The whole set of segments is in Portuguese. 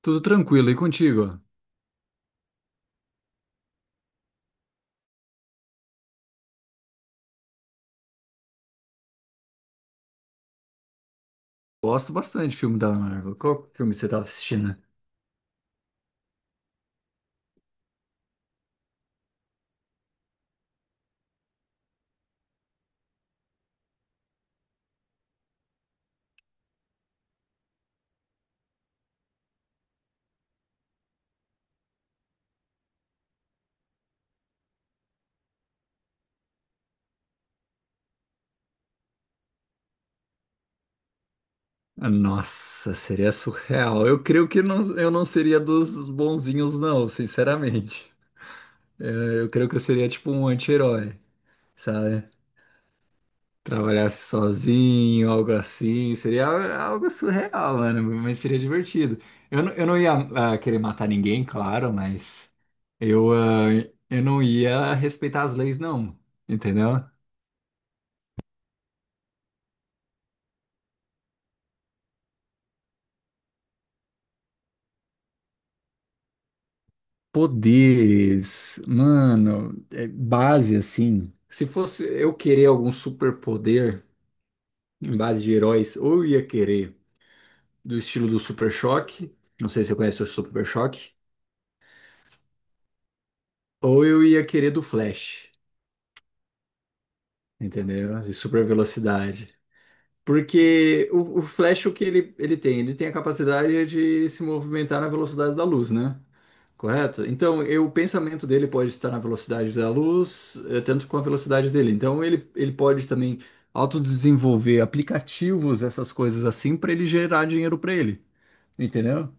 Tudo tranquilo, e contigo? Gosto bastante de filme da Marvel. Qual filme você estava assistindo? Nossa, seria surreal. Eu creio que não, eu não seria dos bonzinhos, não, sinceramente. É, eu creio que eu seria tipo um anti-herói, sabe? Trabalhasse sozinho, algo assim. Seria algo surreal, mano, mas seria divertido. Eu não ia, querer matar ninguém, claro, mas eu, ah, eu não ia respeitar as leis, não. Entendeu? Poderes, mano, é base assim. Se fosse eu querer algum superpoder em base de heróis, ou eu ia querer do estilo do Super Choque, não sei se você conhece o Super Choque, ou eu ia querer do Flash, entendeu? De super velocidade. Porque o Flash, o que ele tem? Ele tem a capacidade de se movimentar na velocidade da luz, né? Correto? Então, eu, o pensamento dele pode estar na velocidade da luz, tanto com a velocidade dele. Então, ele pode também autodesenvolver aplicativos, essas coisas assim, para ele gerar dinheiro para ele. Entendeu?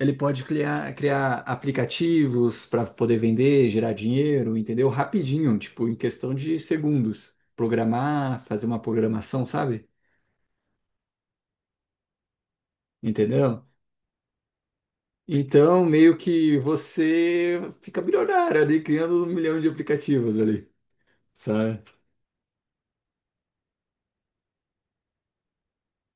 Ele pode criar aplicativos para poder vender, gerar dinheiro, entendeu? Rapidinho, tipo, em questão de segundos. Programar, fazer uma programação, sabe? Entendeu? Então, meio que você fica milionário ali, criando um milhão de aplicativos ali. Sabe?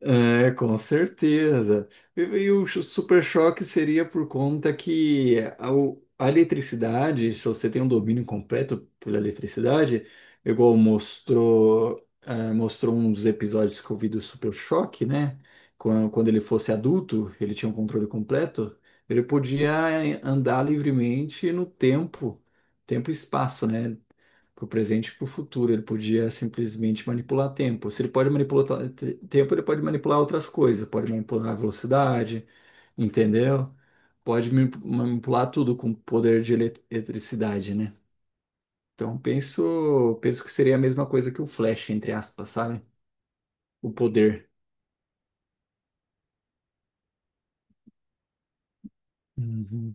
É, com certeza. E o super choque seria por conta que a eletricidade, se você tem um domínio completo pela eletricidade, igual mostrou, mostrou um dos episódios que eu vi do super choque, né? Quando ele fosse adulto, ele tinha um controle completo, ele podia andar livremente no tempo, tempo e espaço, né? Para o presente e para o futuro. Ele podia simplesmente manipular tempo. Se ele pode manipular tempo, ele pode manipular outras coisas. Pode manipular a velocidade, entendeu? Pode manipular tudo com poder de eletricidade, né? Então penso que seria a mesma coisa que o Flash, entre aspas, sabe? O poder. Uhum.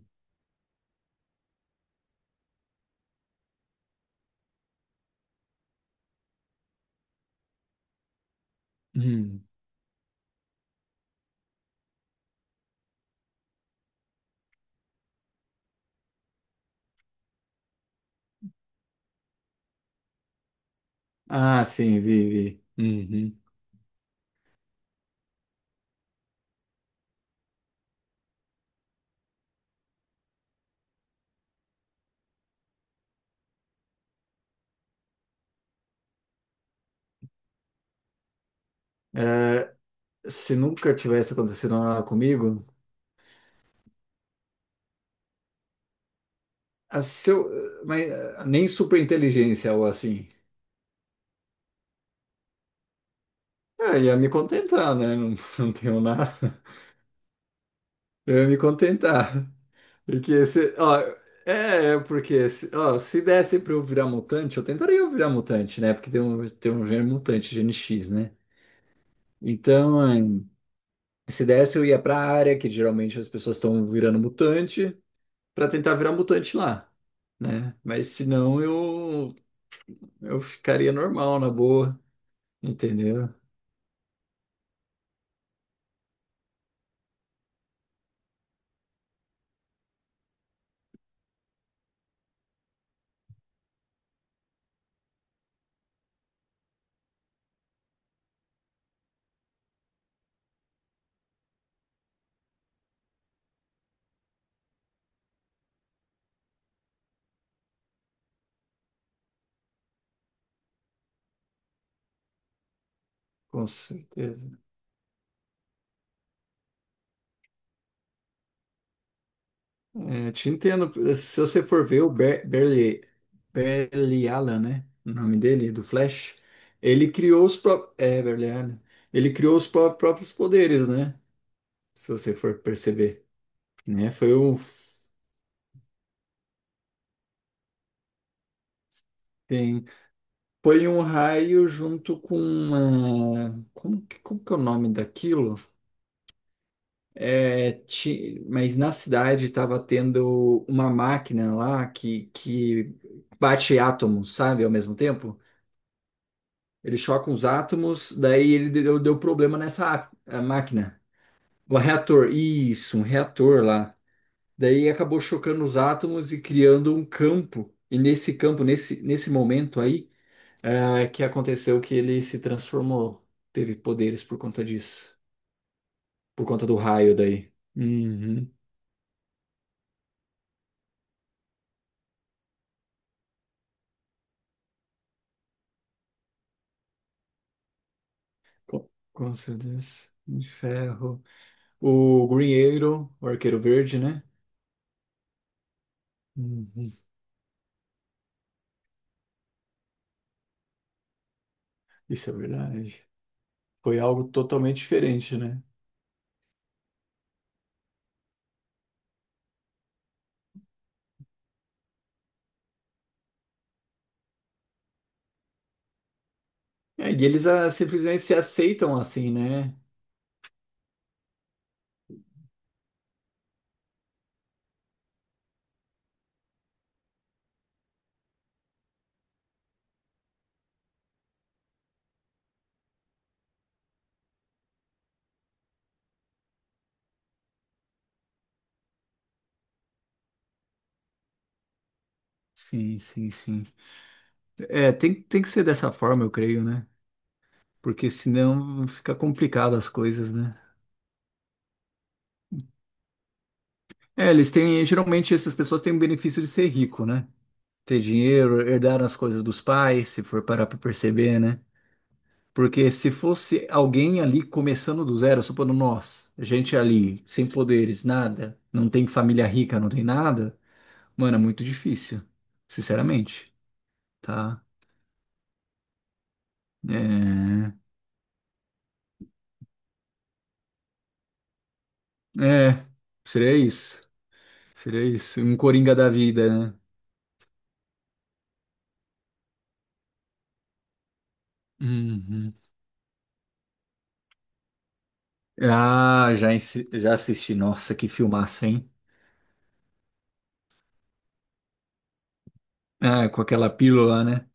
Uhum. Ah, sim, Vivi. Uhum. Se nunca tivesse acontecido nada comigo, ah, se mas ah, nem super inteligência ou assim. Ah, ia me contentar, né? Não, não tenho nada. Eu ia me contentar. Porque se, ó, se desse pra eu virar mutante, eu virar mutante, né? Porque tem um gene mutante, gene X, né? Então, se desse, eu ia pra área, que geralmente as pessoas estão virando mutante, pra tentar virar mutante lá, né? Mas se não, eu ficaria normal, na boa, entendeu? Com certeza. É, te entendo. Se você for ver o Berli, Berliala, né? O nome dele, do Flash, ele criou os Berliala. Ele criou os próprios poderes, né? Se você for perceber, né? Tem, foi um raio junto com uma, como que é o nome daquilo? Mas na cidade estava tendo uma máquina lá que bate átomos, sabe, ao mesmo tempo. Ele choca uns átomos, daí ele deu problema nessa a máquina. O reator, isso, um reator lá. Daí acabou chocando os átomos e criando um campo. E nesse campo, nesse momento aí, que aconteceu que ele se transformou. Teve poderes por conta disso. Por conta do raio daí. Uhum. Com certeza. De ferro. O Green Arrow, o Arqueiro Verde, né? Uhum. Isso é verdade. Foi algo totalmente diferente, né? É, e eles simplesmente se aceitam assim, né? Sim, sim, sim. É, tem que ser dessa forma, eu creio, né? Porque senão fica complicado as coisas, né? É, eles têm, geralmente essas pessoas têm o benefício de ser rico, né? Ter dinheiro, herdar as coisas dos pais, se for parar pra perceber, né? Porque se fosse alguém ali começando do zero, supondo nós, gente ali, sem poderes, nada, não tem família rica, não tem nada, mano, é muito difícil, sinceramente, tá? É. É, seria isso. Seria isso. Um Coringa da vida, né? Uhum. Já, já assisti. Nossa, que filmaço, hein? Ah, com aquela pílula, né?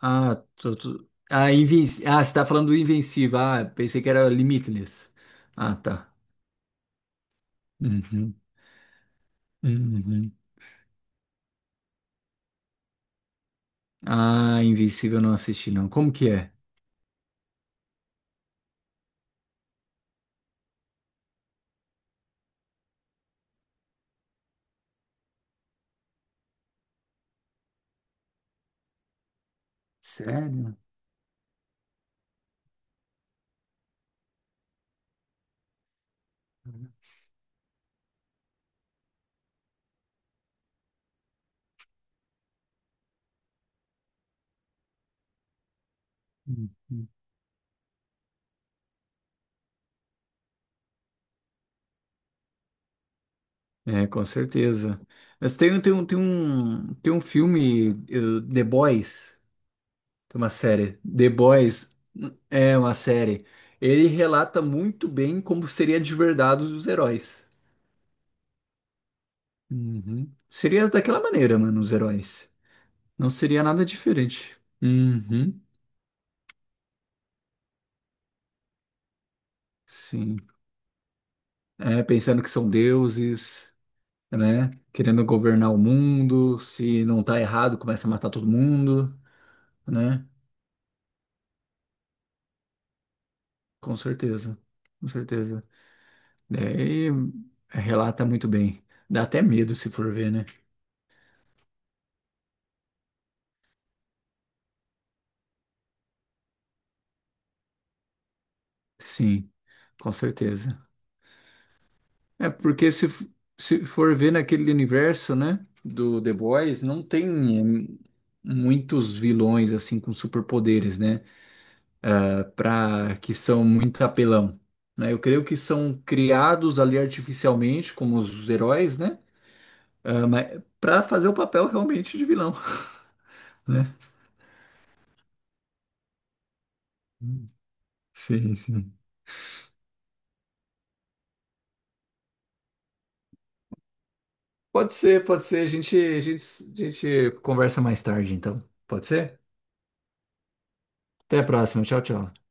Você tá falando do Invencível. Ah, pensei que era Limitless. Ah, tá. Uhum. Uhum. Ah, Invencível eu não assisti, não. Como que é? Sério? Uhum. É, com certeza. Mas tem um filme, The Boys. Tem uma série. The Boys é uma série. Ele relata muito bem como seria de verdade os heróis. Uhum. Seria daquela maneira, mano, os heróis. Não seria nada diferente. Uhum. Sim. É, pensando que são deuses, né? Querendo governar o mundo. Se não tá errado, começa a matar todo mundo, né? Com certeza. Com certeza. Daí relata muito bem. Dá até medo se for ver, né? Sim, com certeza. É porque se, f- se for ver naquele universo, né, do The Boys, não tem muitos vilões assim com superpoderes, né, para que são muito apelão, né? Eu creio que são criados ali artificialmente como os heróis, né? Ah, mas para fazer o papel realmente de vilão, né? Sim, sim. Pode ser, pode ser. A gente conversa mais tarde, então. Pode ser? Até a próxima. Tchau, tchau.